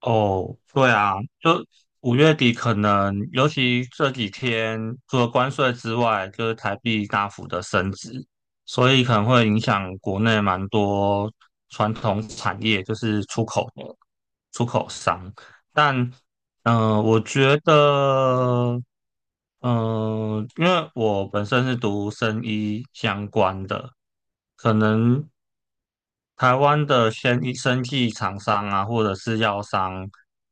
哦，对啊，就五月底可能，尤其这几天，除了关税之外，就是台币大幅的升值，所以可能会影响国内蛮多传统产业，就是出口商。但我觉得，因为我本身是读生医相关的，可能台湾的生医生技厂商啊，或者是药商，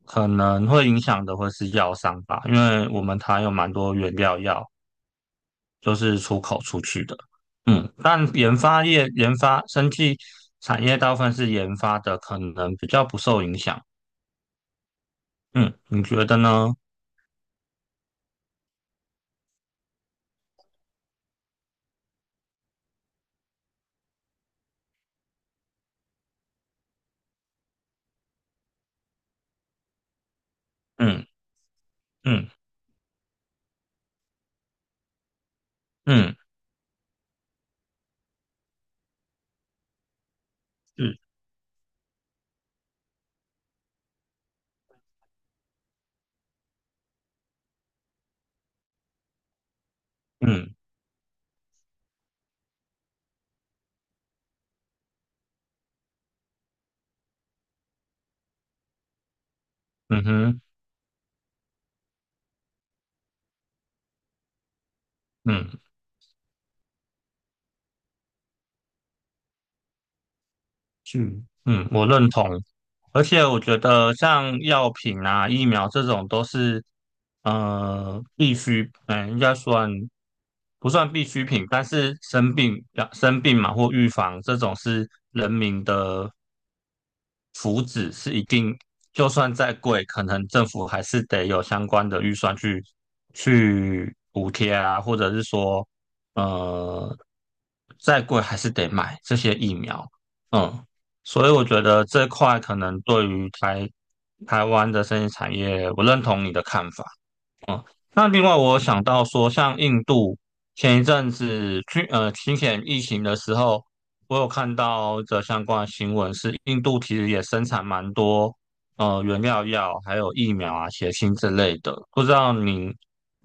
可能会影响的会是药商吧，因为我们台有蛮多原料药，就是出口出去的。但研发业、研发生技产业大部分是研发的，可能比较不受影响。嗯，你觉得呢？嗯嗯嗯。嗯嗯嗯哼嗯嗯嗯，我认同。而且我觉得像药品啊、疫苗这种都是必需，应该算不算必需品？但是要生病嘛或预防这种是人民的福祉，是一定，就算再贵，可能政府还是得有相关的预算去补贴啊，或者是说呃再贵还是得买这些疫苗。嗯。所以我觉得这块可能对于台湾的生意产业，我认同你的看法。嗯，那另外我想到说，像印度前一阵子之前疫情的时候，我有看到的相关新闻是，印度其实也生产蛮多原料药，还有疫苗啊、血清之类的。不知道您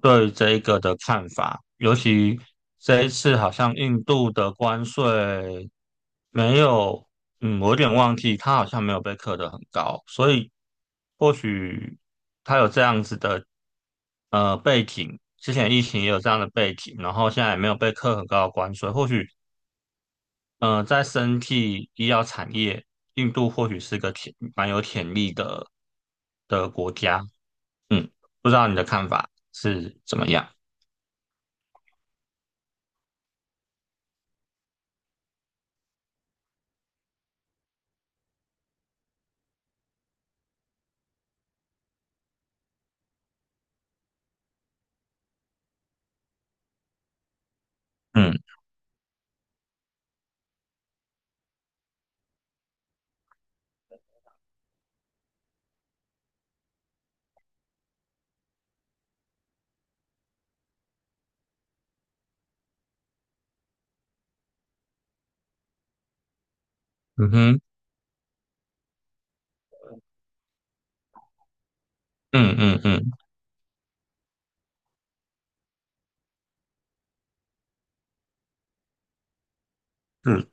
对这一个的看法，尤其这一次好像印度的关税没有，我有点忘记，它好像没有被课得很高，所以或许它有这样子的背景，之前疫情也有这样的背景，然后现在也没有被课很高的关税，或许在生技医药产业，印度或许是个蛮有潜力的国家。嗯，不知道你的看法是怎么样？嗯嗯哼，嗯嗯嗯，是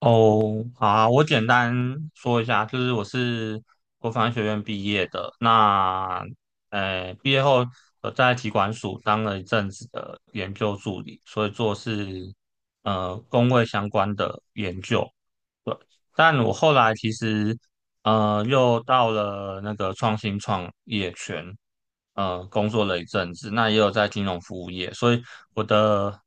哦。好啊，我简单说一下，就是我是国防学院毕业的。那毕业后我在体管署当了一阵子的研究助理，所以做是工位相关的研究。对，但我后来其实又到了那个创新创业圈，工作了一阵子，那也有在金融服务业，所以我的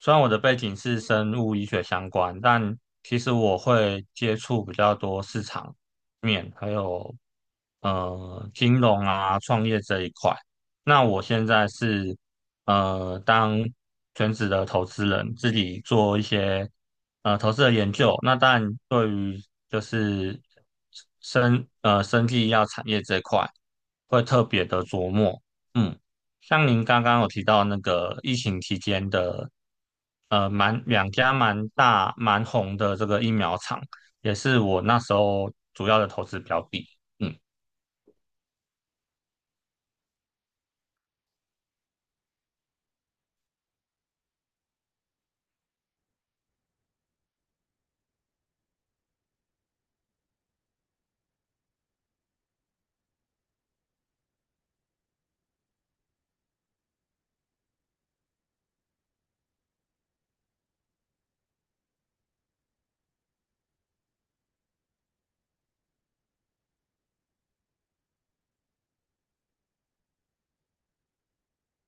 虽然我的背景是生物医学相关，但其实我会接触比较多市场面，还有金融啊创业这一块。那我现在是当全职的投资人，自己做一些投资的研究。那当然，对于就是生技医药产业这块，会特别的琢磨。嗯，像您刚刚有提到那个疫情期间的，两家蛮大蛮红的这个疫苗厂，也是我那时候主要的投资标的。嗯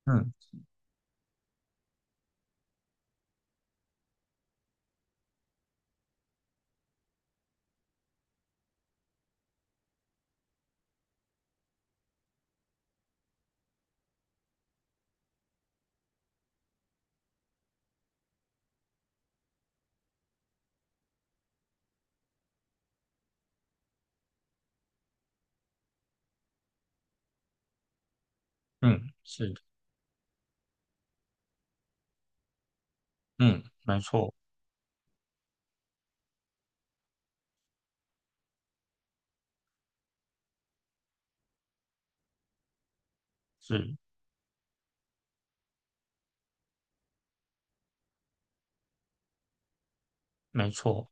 嗯嗯，是的，嗯，没错，是没错。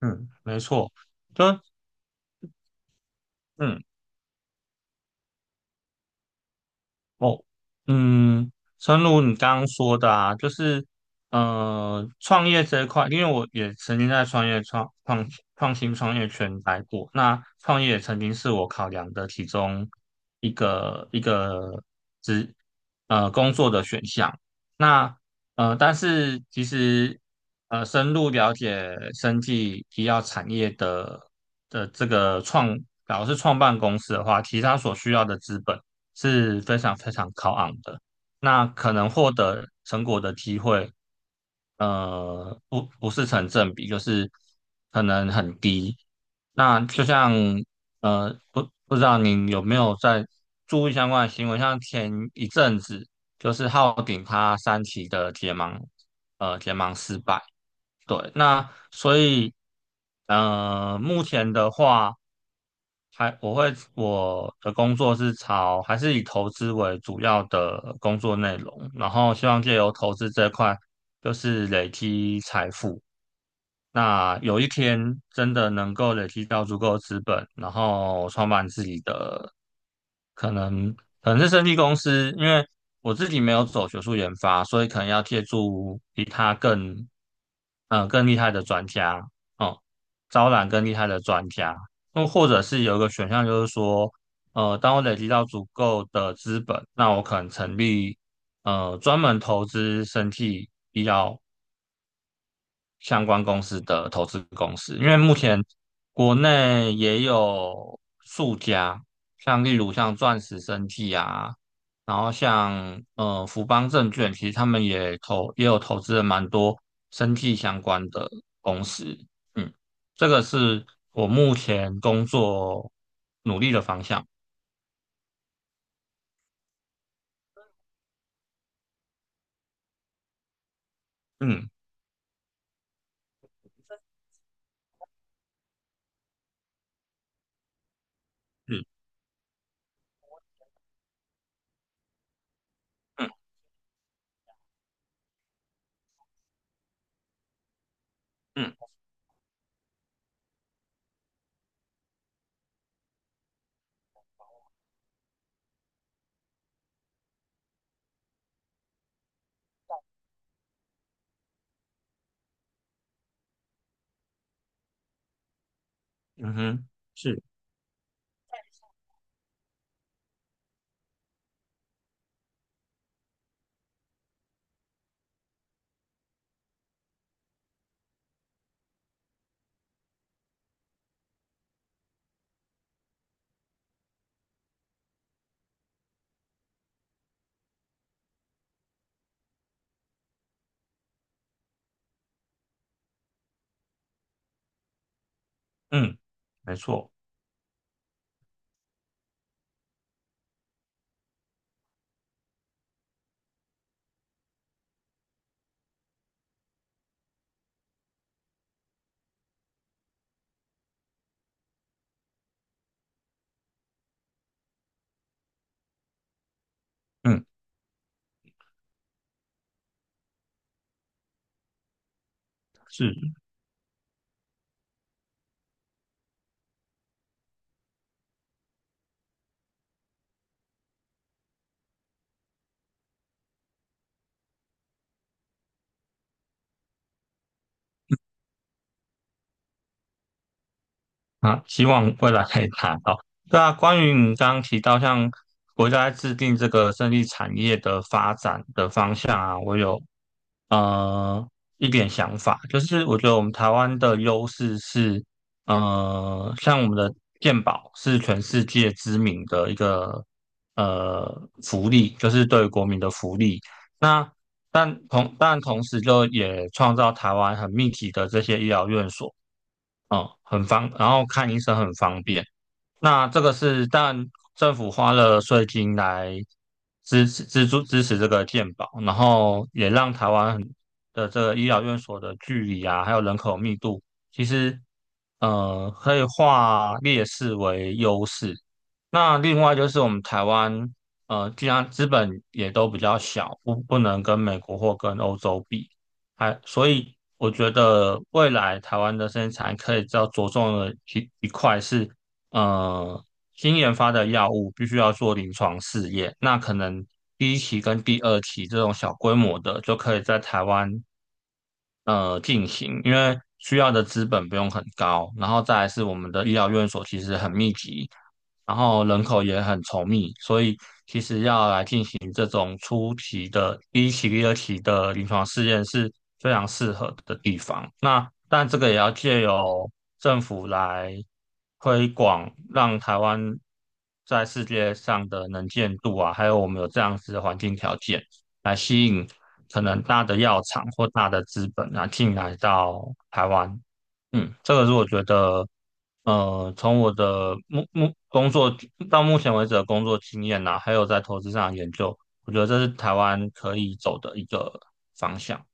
嗯，没错，就嗯，哦，嗯，诚如你刚刚说的啊，就是，创业这一块，因为我也曾经在创新创业圈待过，那创业也曾经是我考量的其中一个职工作的选项。那但是其实，深入了解生技医药产业的这个假如是创办公司的话，其实它所需要的资本是非常非常高昂的。那可能获得成果的机会，不是成正比，就是可能很低。那就像不知道您有没有在注意相关的新闻，像前一阵子就是浩鼎他三期的结盲，结盲失败。对，那所以目前的话，还我的工作还是以投资为主要的工作内容，然后希望借由投资这块，就是累积财富。那有一天真的能够累积到足够的资本，然后创办自己的，可能可能是生技公司，因为我自己没有走学术研发，所以可能要借助比他更厉害的专家，哦、招揽更厉害的专家，那或者是有一个选项就是说，当我累积到足够的资本，那我可能成立专门投资生技相关公司的投资公司，因为目前国内也有数家，例如钻石生技啊，然后像福邦证券，其实他们也有投资了蛮多生技相关的公司。嗯，这个是我目前工作努力的方向。嗯，嗯嗯嗯嗯哼，是，嗯，没错，嗯，是。啊，希望未来可以达到。对啊，关于你刚刚提到，像国家在制定这个胜利产业的发展的方向啊，我有呃一点想法，就是我觉得我们台湾的优势是，像我们的健保是全世界知名的一个呃福利，就是对国民的福利。那但同时就也创造台湾很密集的这些医疗院所。哦，然后看医生很方便。那这个是但政府花了税金来支持这个健保，然后也让台湾很的这个医疗院所的距离啊，还有人口密度，其实可以化劣势为优势。那另外就是我们台湾既然资本也都比较小，不能跟美国或跟欧洲比，还所以我觉得未来台湾的生产可以比较着重的一块是。呃，新研发的药物必须要做临床试验，那可能第一期跟第二期这种小规模的，就可以在台湾进行，因为需要的资本不用很高，然后再来是我们的医疗院所其实很密集，然后人口也很稠密，所以其实要来进行这种初期的第一期、第二期的临床试验是非常适合的地方。那但这个也要借由政府来推广，让台湾在世界上的能见度啊，还有我们有这样子的环境条件，来吸引可能大的药厂或大的资本啊进来到台湾。这个是我觉得，从我的工作到目前为止的工作经验呐、还有在投资上的研究，我觉得这是台湾可以走的一个方向。